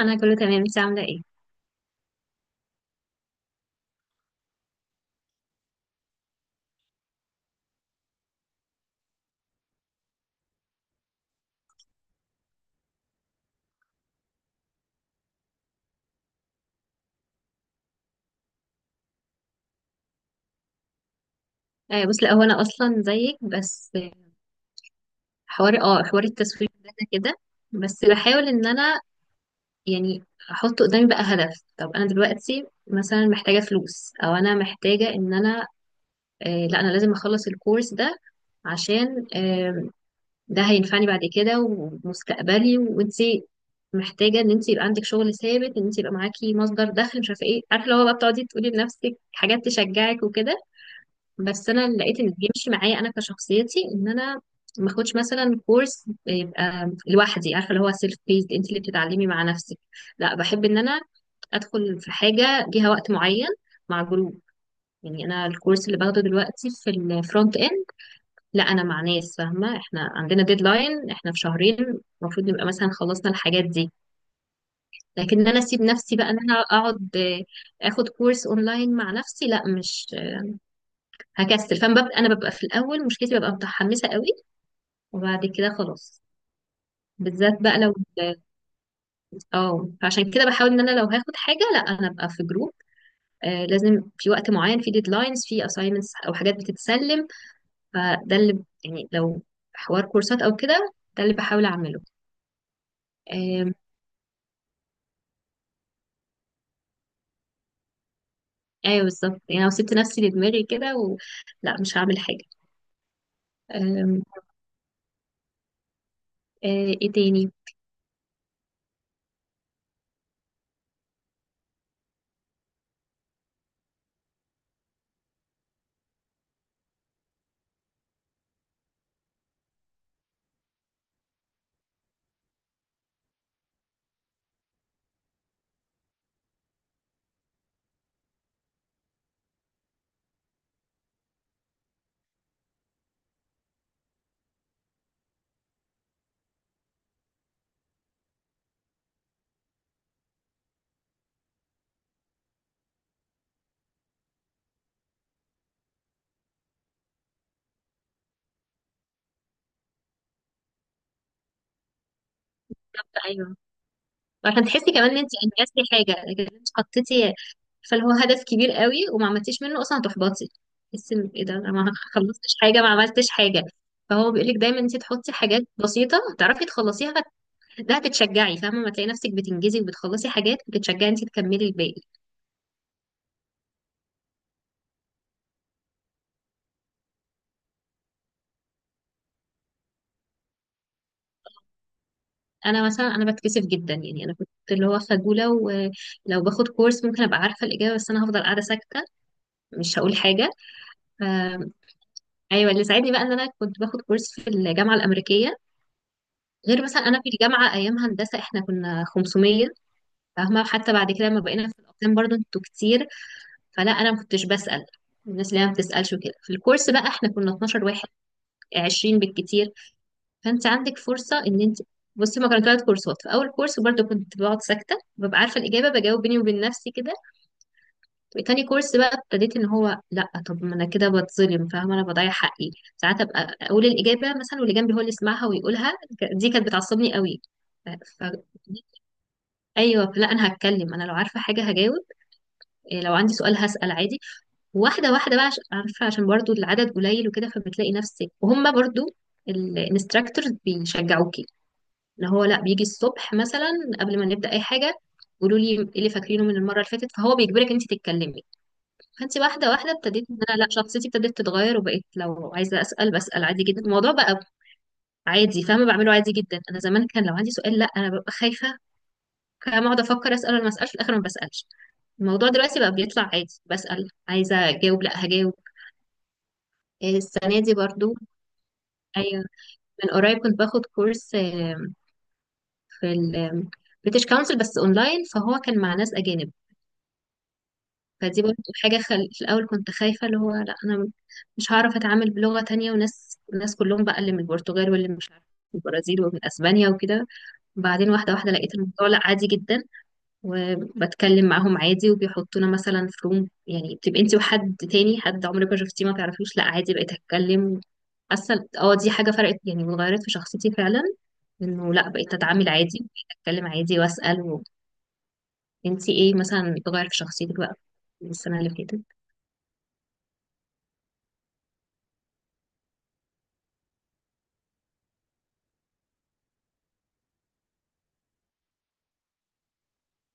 انا كله تمام، انت عامله ايه؟ آه بص، لا هو انا اصلا زيك. بس حوار حوار التسويق ده أنا كده. بس بحاول ان انا، يعني، احط قدامي بقى هدف. طب انا دلوقتي مثلا محتاجه فلوس، او انا محتاجه ان انا، آه لا، انا لازم اخلص الكورس ده عشان آه ده هينفعني بعد كده ومستقبلي. وانت محتاجه ان انت يبقى عندك شغل ثابت، ان انت يبقى معاكي مصدر دخل، مش عارفه ايه، عارفه لو بقى بتقعدي تقولي لنفسك حاجات تشجعك وكده. بس انا اللي لقيت ان بيمشي معايا انا كشخصيتي، ان انا ما اخدش مثلا كورس يبقى لوحدي، عارفه اللي هو سيلف بيست، انت اللي بتتعلمي مع نفسك. لا، بحب ان انا ادخل في حاجه ليها وقت معين مع جروب. يعني انا الكورس اللي باخده دلوقتي في الفرونت اند، لا انا مع ناس فاهمه، احنا عندنا ديدلاين، احنا في شهرين المفروض نبقى مثلا خلصنا الحاجات دي. لكن ان انا اسيب نفسي بقى ان انا اقعد اخد كورس اونلاين مع نفسي، لا، مش هكسل، فانا ببقى ببقى في الاول، مشكلتي ببقى متحمسه قوي وبعد كده خلاص. بالذات بقى لو اه فعشان كده بحاول ان انا لو هاخد حاجه لا انا ابقى في جروب، آه، لازم في وقت معين، في ديدلاينز، في اساينمنتس او حاجات بتتسلم. فده اللي، يعني، لو حوار كورسات او كده، ده اللي بحاول اعمله. آم، ايوه بالظبط. يعني لو سبت نفسي لدماغي كده لا، مش هعمل حاجه. آم، آه، ايه تاني؟ طب ايوه، عشان تحسي كمان ان انت انجزتي حاجه. لكن انت حطيتي فالهو هدف كبير قوي وما عملتيش منه اصلا، هتحبطي، تحسي ان ايه ده، انا ما خلصتش حاجه، ما عملتش حاجه. فهو بيقولك دايما انت تحطي حاجات بسيطه تعرفي تخلصيها ده هتتشجعي، فاهمه؟ ما تلاقي نفسك بتنجزي وبتخلصي حاجات بتتشجعي انت تكملي الباقي. انا مثلا انا بتكسف جدا، يعني انا كنت اللي هو خجوله، ولو باخد كورس ممكن ابقى عارفه الاجابه بس انا هفضل قاعده ساكته، مش هقول حاجه. ف- ايوه، اللي ساعدني بقى ان انا كنت باخد كورس في الجامعه الامريكيه. غير مثلا انا في الجامعه ايام هندسه احنا كنا 500، فاهمه؟ حتى بعد كده لما بقينا في الاقسام برضو انتوا كتير، فلا انا ما كنتش بسال، الناس اللي هي ما بتسالش وكده. في الكورس بقى احنا كنا 12 واحد، 20 بالكتير، فانت عندك فرصه ان انت، بصي، ما كانوا ثلاث كورسات. في اول كورس برضو كنت بقعد ساكته، ببقى عارفه الاجابه، بجاوب بيني وبين نفسي كده. تاني كورس بقى ابتديت ان هو لا، طب ما انا كده بتظلم، فاهمه؟ انا بضيع حقي. ساعات ابقى اقول الاجابه مثلا واللي جنبي هو اللي يسمعها ويقولها، دي كانت بتعصبني قوي. ف... ف... ايوه لا، انا هتكلم، انا لو عارفه حاجه هجاوب، إيه، لو عندي سؤال هسأل عادي. واحده واحده بقى، عشان عارفه، عشان برضو العدد قليل وكده، فبتلاقي نفسك. وهم برضو الانستراكتورز بيشجعوكي، اللي هو لا، بيجي الصبح مثلا قبل ما نبدا اي حاجه، قولوا لي إيه اللي فاكرينه من المره اللي فاتت، فهو بيجبرك انت تتكلمي. فانت واحده واحده ابتديت ان انا لا، شخصيتي ابتدت تتغير، وبقيت لو عايزه اسال بسال عادي جدا. الموضوع بقى عادي، فاهمه؟ بعمله عادي جدا. انا زمان كان لو عندي سؤال لا، انا ببقى خايفه، كام اقعد افكر اسال ولا ما اسالش، في الاخر ما بسالش. الموضوع دلوقتي بقى بيطلع عادي، بسال، عايزه اجاوب لا هجاوب، إيه، السنه دي برضو. ايوه، من قريب كنت باخد كورس في البريتش كونسل بس اونلاين، فهو كان مع ناس اجانب. فدي برضو حاجه في الاول كنت خايفه، اللي هو لا انا مش هعرف اتعامل بلغه تانية، وناس، ناس كلهم بقى اللي من البرتغال واللي مش عارف من البرازيل ومن اسبانيا وكده. بعدين واحده واحده لقيت الموضوع لا، عادي جدا، وبتكلم معاهم عادي، وبيحطونا مثلا في روم، يعني بتبقي انت وحد تاني حد عمرك ما شفتيه ما تعرفيش، لا عادي، بقيت اتكلم. حاسه اه دي حاجه فرقت يعني، وغيرت في شخصيتي فعلا، انه لا بقيت اتعامل عادي، بقيت اتكلم عادي واسال انت ايه مثلا اتغير في شخصيتك بقى من السنه اللي فاتت؟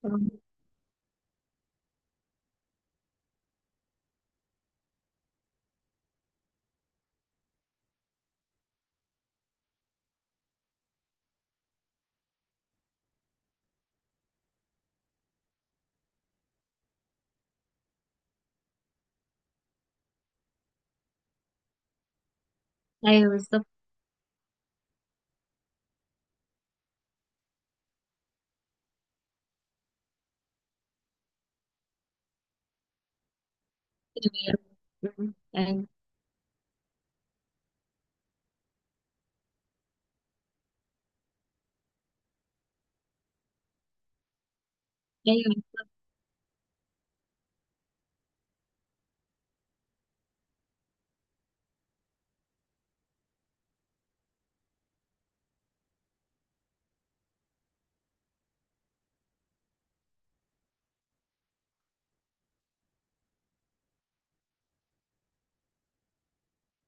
آه. ايوه بالظبط. مم. ايوه. أيوة.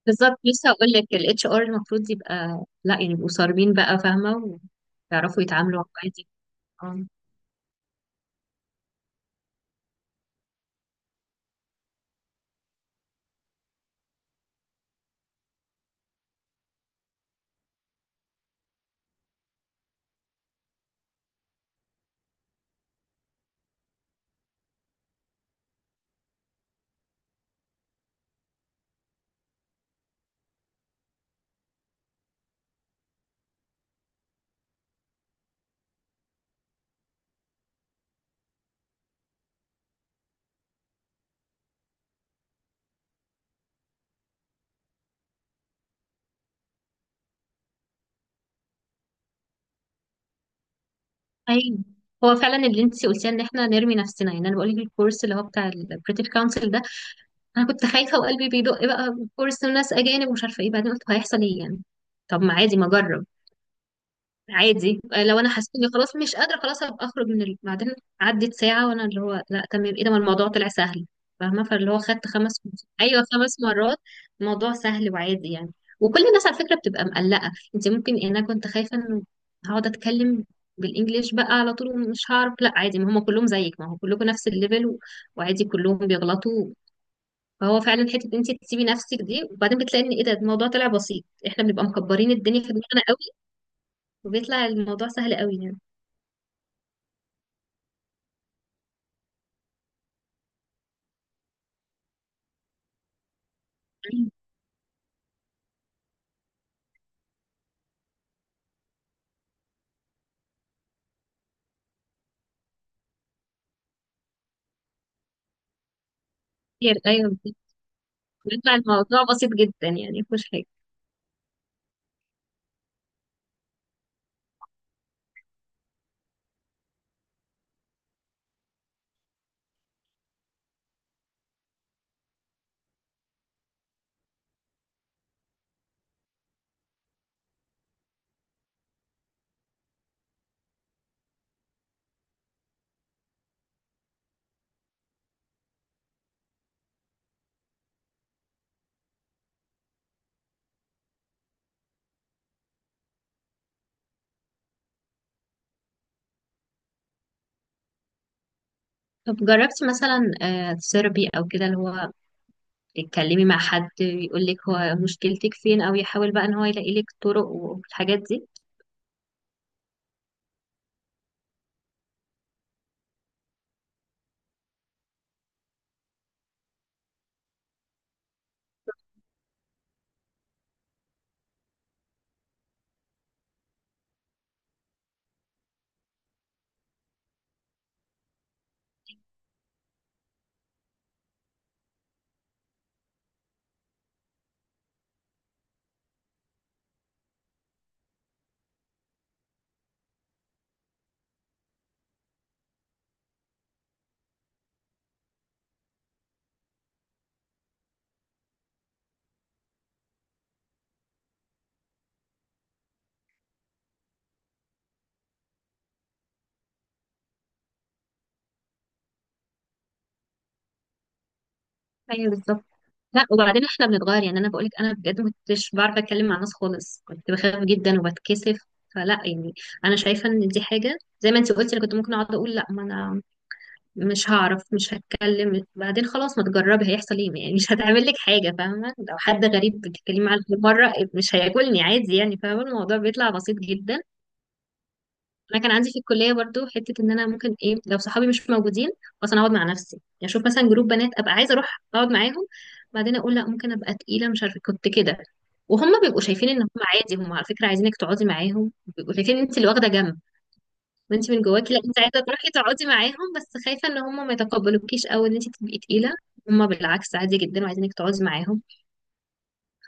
بالظبط، لسه هقول لك، الاتش ار المفروض يبقى، لا يعني، يبقوا صارمين بقى، فاهمه؟ ويعرفوا يتعاملوا عادي. ايوه، هو فعلا اللي انت قلتيه ان احنا نرمي نفسنا، يعني انا بقول لك الكورس اللي هو بتاع البريتش كونسل ده، انا كنت خايفه وقلبي بيدق، بقى كورس وناس اجانب ومش عارفه ايه، بعدين قلت هيحصل ايه يعني؟ طب ما عادي، ما اجرب عادي، آه، لو انا حسيت اني خلاص مش قادره، خلاص ابقى اخرج من بعدين عدت ساعه وانا اللي هو لا تمام، ايه ده، ما الموضوع طلع سهل، فاهمه؟ فاللي هو خدت خمس، ايوه خمس مرات، الموضوع سهل وعادي يعني. وكل الناس على فكره بتبقى مقلقه، انت ممكن يعني انا كنت خايفه انه هقعد اتكلم بالانجليش بقى على طول ومش هعرف، لا عادي، ما هم كلهم زيك، ما هو كلكم نفس الليفل وعادي كلهم بيغلطوا. فهو فعلا حته إن انت تسيبي نفسك دي، وبعدين بتلاقي ان ايه ده، الموضوع طلع بسيط، احنا بنبقى مكبرين الدنيا في دماغنا قوي، وبيطلع الموضوع سهل قوي يعني. أيوة كتير، ايوه بيطلع الموضوع بسيط جدا يعني مفيهوش حاجه. طب جربتي مثلا ثيرابي او كده، اللي هو تتكلمي مع حد يقول لك هو مشكلتك فين، او يحاول بقى ان هو يلاقي لك طرق والحاجات دي؟ ايوه بالظبط. لا، وبعدين احنا بنتغير، يعني انا بقول لك انا بجد ما كنتش بعرف اتكلم مع الناس خالص، كنت بخاف جدا وبتكسف. فلا يعني انا شايفه ان دي حاجه زي ما انت قلتي، انا كنت ممكن اقعد اقول لا ما انا مش هعرف مش هتكلم. بعدين خلاص، ما تجربي، هيحصل ايه يعني؟ مش هتعمل لك حاجه، فاهمه؟ لو حد غريب بتتكلمي معاه لأول مره مش هياكلني، عادي يعني، فاهمه؟ الموضوع بيطلع بسيط جدا. انا كان عندي في الكليه برضو حته ان انا ممكن ايه لو صحابي مش موجودين اصلا، اقعد مع نفسي. يعني اشوف مثلا جروب بنات ابقى عايزه اروح اقعد معاهم، بعدين اقول لا، ممكن ابقى تقيله، مش عارفه، كنت كده. وهم بيبقوا شايفين ان هم عادي، هم على فكره عايزينك تقعدي معاهم، بيبقوا شايفين ان انت اللي واخده جنب. وانت من جواكي لا، انت عايزه تروحي تقعدي معاهم، بس خايفه ان هم ما يتقبلوكيش او ان انت تبقي تقيله. هم بالعكس عادي جدا وعايزينك تقعدي معاهم.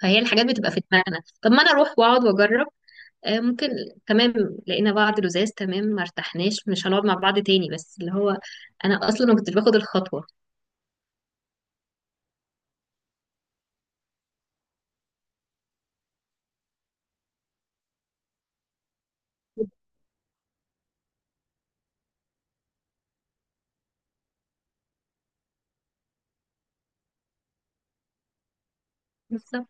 فهي الحاجات بتبقى في دماغنا، طب ما انا اروح واقعد واجرب. ممكن تمام، لقينا بعض لزاز تمام، ما ارتحناش مش هنقعد مع بعض تاني، بس اللي هو انا اصلا ما كنتش باخد الخطوه. بالظبط.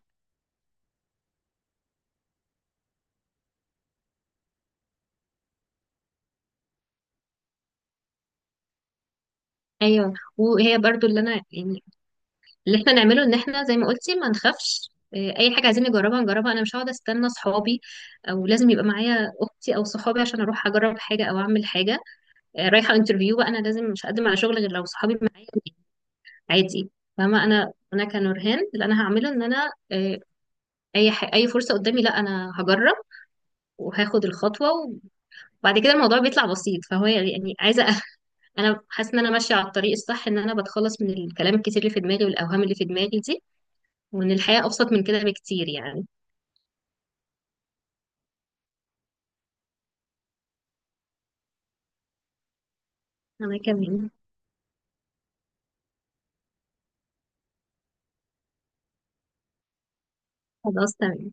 ايوه، وهي برضو اللي انا، يعني، اللي احنا نعمله ان احنا زي ما قلتي ما نخافش، إيه، اي حاجه عايزين نجربها نجربها، انا مش هقعد استنى صحابي او لازم يبقى معايا اختي او صحابي عشان اروح اجرب حاجه او اعمل حاجه، إيه، رايحه انترفيو بقى انا لازم مش هقدم على شغل غير لو صحابي معايا، عادي، فاهمه؟ انا انا كنورهان اللي انا هعمله ان انا، إيه، اي فرصه قدامي لا انا هجرب وهاخد الخطوه، وبعد كده الموضوع بيطلع بسيط. فهو يعني عايزه انا حاسه ان انا ماشيه على الطريق الصح، ان انا بتخلص من الكلام الكتير اللي في دماغي والاوهام اللي في دماغي دي، وإن الحياة أبسط من كده بكتير يعني. أنا كمان. خلاص تمام.